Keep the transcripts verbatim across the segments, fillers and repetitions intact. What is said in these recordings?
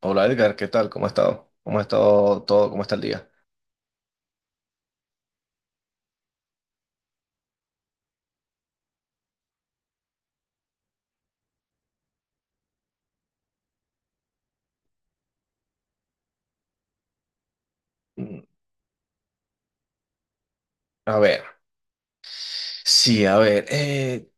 Hola Edgar, ¿qué tal? ¿Cómo ha estado? ¿Cómo ha estado todo? ¿Cómo está el día? Mm, A ver, sí, a ver, eh,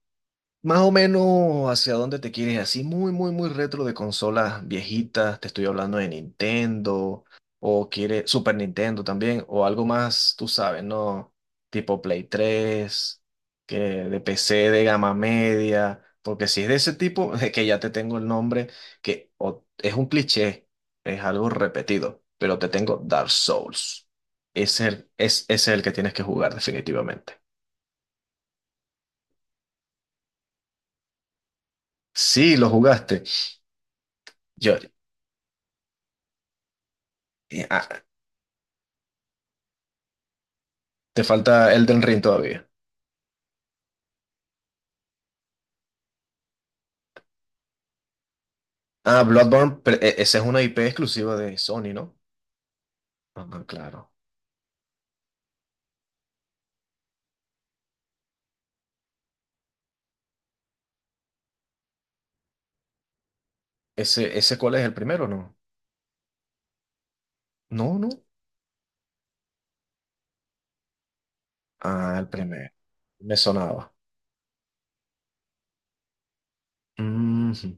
más o menos hacia dónde te quieres, así muy, muy, muy retro de consolas viejitas, te estoy hablando de Nintendo, o quiere Super Nintendo también, o algo más, tú sabes, ¿no? Tipo Play tres, que de P C de gama media, porque si es de ese tipo, es que ya te tengo el nombre, que o- es un cliché, es algo repetido, pero te tengo Dark Souls. Es el, es, es el que tienes que jugar definitivamente. Sí, lo jugaste. Yo, te falta Elden Ring todavía. Ah, Bloodborne, pero e- esa es una I P exclusiva de Sony, ¿no? Ah, claro. ¿Ese, ese cuál es el primero, no? No, no. Ah, el primero. Me sonaba. Ujú.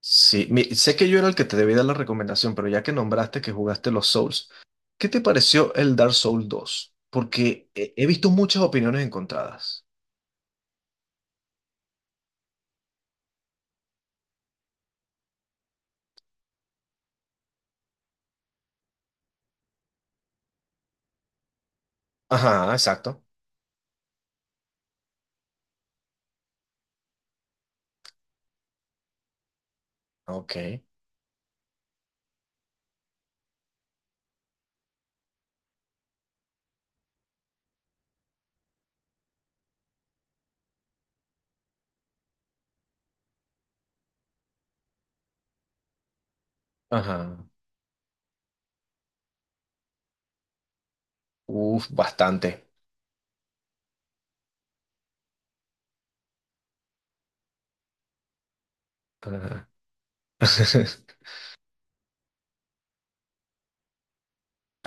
Sí, mi- sé que yo era el que te debía dar la recomendación, pero ya que nombraste que jugaste los Souls, ¿qué te pareció el Dark Souls dos? Porque he, he visto muchas opiniones encontradas. Ajá, exacto. Ok. Ajá. Uf, bastante. Ajá.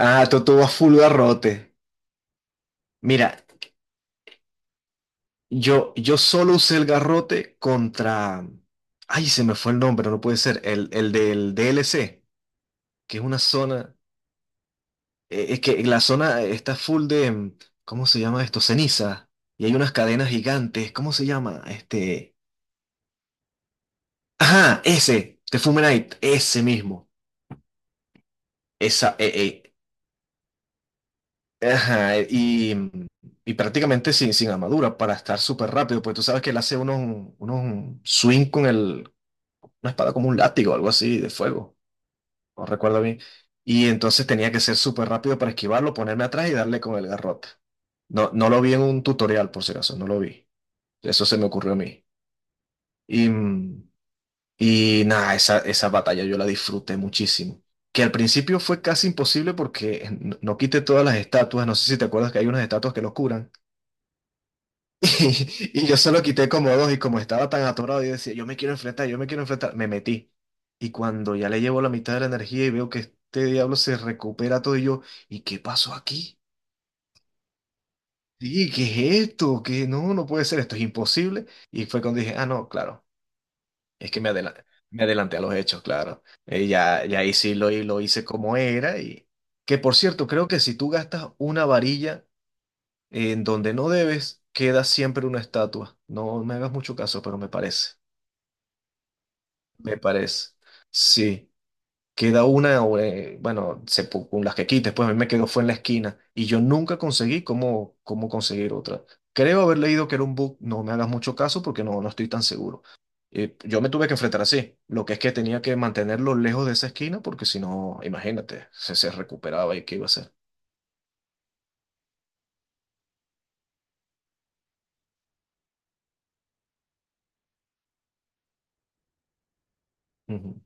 Ah, tú, tú vas full garrote. Mira, yo, yo solo usé el garrote contra... Ay, se me fue el nombre, no puede ser. El, el del D L C, que es una zona... eh, es que la zona está full de... mm, ¿cómo se llama esto? Ceniza. Y hay unas cadenas gigantes. ¿Cómo se llama? Este... Ajá, ese. The Fumenite. Ese mismo. Esa... eh, eh, ajá. eh, Y, mm, y prácticamente sin, sin armadura para estar súper rápido. Pues tú sabes que él hace unos, unos swing con el... una espada como un látigo, algo así de fuego, no recuerdo bien. Y entonces tenía que ser súper rápido para esquivarlo, ponerme atrás y darle con el garrote. No, no lo vi en un tutorial, por si acaso, no lo vi. Eso se me ocurrió a mí. Y, mm, y nada, esa, esa batalla yo la disfruté muchísimo. Que al principio fue casi imposible porque no no quité todas las estatuas. No sé si te acuerdas que hay unas estatuas que los curan. Y, yo solo quité como dos y como estaba tan atorado, yo decía, yo me quiero enfrentar, yo me quiero enfrentar, me metí. Y cuando ya le llevo la mitad de la energía y veo que este diablo se recupera todo y yo, ¿y qué pasó aquí? Sí, ¿qué es esto? ¿Qué? No, no puede ser, esto es imposible. Y fue cuando dije, ah, no, claro, es que me adelanté, me adelanté a los hechos, claro. Eh, ya, ya ahí sí lo, lo hice como era y... Que por cierto, creo que si tú gastas una varilla en donde no debes, queda siempre una estatua. No me hagas mucho caso, pero me parece. Me parece. Sí. Queda una, o, eh, bueno, se, pu- con las que quites, pues a mí me quedó fue en la esquina y yo nunca conseguí cómo, cómo conseguir otra. Creo haber leído que era un book, no me hagas mucho caso porque no, no estoy tan seguro. Eh, yo me tuve que enfrentar así, lo que es que tenía que mantenerlo lejos de esa esquina porque si no, imagínate, se, se recuperaba y qué iba a hacer. Ujú.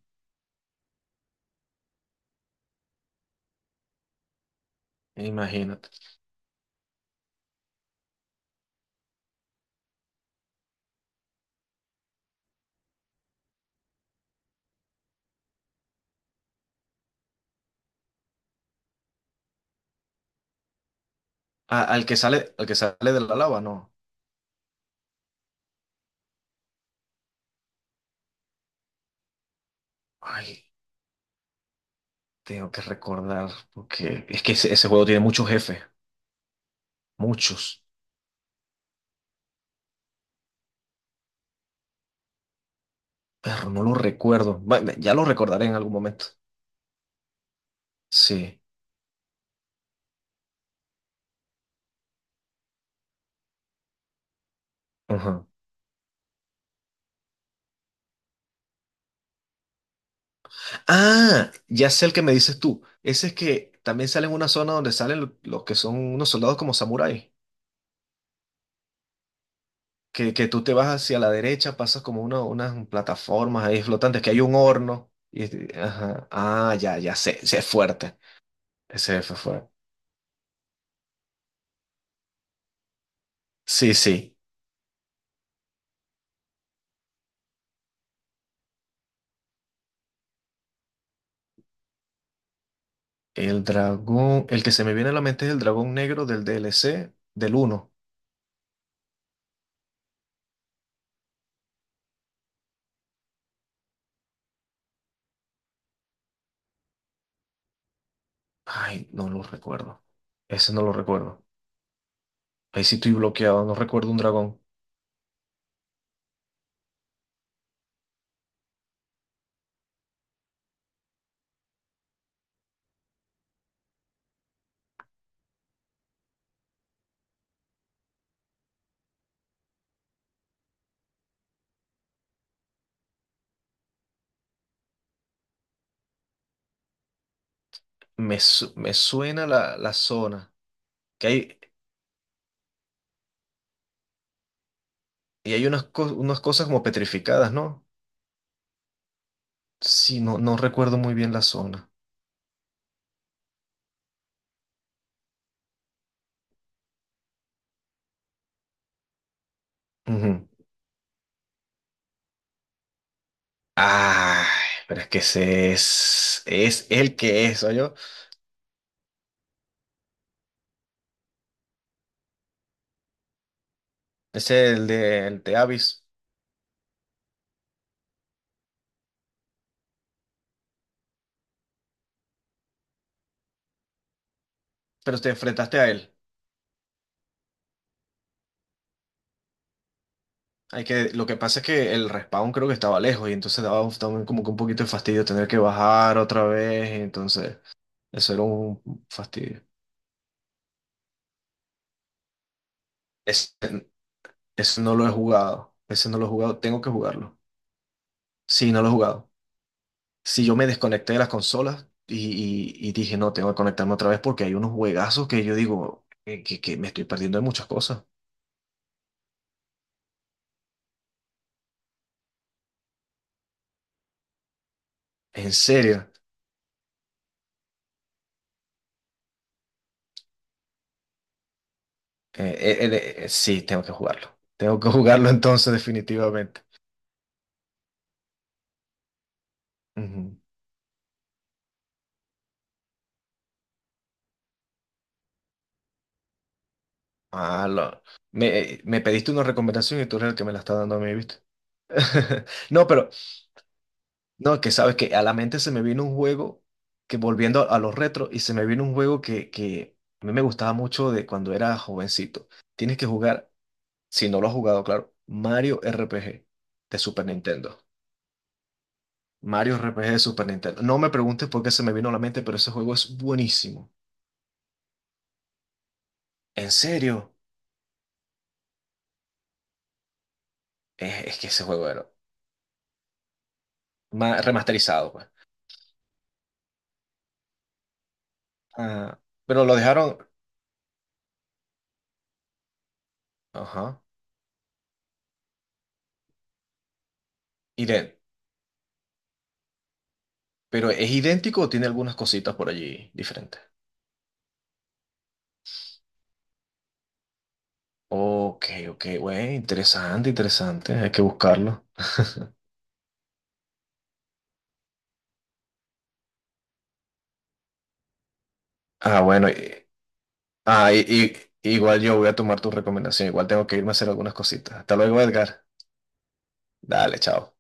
Imagínate. A- al que sale, al que sale de la lava, no. Ay, tengo que recordar porque es que ese ese juego tiene muchos jefes, muchos. Perro, no lo recuerdo. Bueno, ya lo recordaré en algún momento. Sí. Ajá. Ah, ya sé el que me dices tú. Ese es que también sale en una zona donde salen lo- los que son unos soldados como samuráis. Que, que tú te vas hacia la derecha, pasas como una- unas plataformas ahí flotantes, que hay un horno. Y, este- ajá. Ah, ya, ya sé. Ese es fuerte. Ese fue fuerte. Sí, sí. El dragón. El que se me viene a la mente es el dragón negro del D L C del uno. Ay, no lo recuerdo. Ese no lo recuerdo. Ahí sí estoy bloqueado, no recuerdo un dragón. Me, su- me suena la, la zona. Que hay, y hay unas, co- unas cosas como petrificadas, ¿no? Sí, no, no recuerdo muy bien la zona. Ujú. Ay, pero es que ese es, es el que es, yo es el de, el de Abyss. Pero te enfrentaste a él. Hay que, lo que pasa es que el respawn creo que estaba lejos y entonces daba un- también como que un poquito de fastidio tener que bajar otra vez. Entonces, eso era un fastidio. Ese no lo he jugado. Ese no lo he jugado. Tengo que jugarlo. Sí, no lo he jugado. Si yo me desconecté de las consolas y, y- y dije, no, tengo que conectarme otra vez porque hay unos juegazos que yo digo eh, que, que me estoy perdiendo de muchas cosas. En serio. Eh, eh, eh, eh, sí, tengo que jugarlo. Tengo que jugarlo entonces definitivamente. Ujú. Ah, lo- me, eh, me pediste una recomendación y tú eres el que me la está dando a mí, ¿viste? No, pero No, que sabes que a la mente se me vino un juego que volviendo a, a los retros y se me vino un juego que, que a mí me gustaba mucho de cuando era jovencito. Tienes que jugar, si no lo has jugado, claro, Mario R P G de Super Nintendo. Mario R P G de Super Nintendo. No me preguntes por qué se me vino a la mente, pero ese juego es buenísimo. ¿En serio? Es, es que ese juego era ma- remasterizado, pues. Ah, pero lo dejaron, ajá, idéntico. Pero es idéntico o tiene algunas cositas por allí diferentes. Ok, ok, güey, interesante, interesante, hay que buscarlo. Ah, bueno, y- ah, y, y- igual yo voy a tomar tu recomendación, igual tengo que irme a hacer algunas cositas. Hasta luego, Edgar. Dale, chao.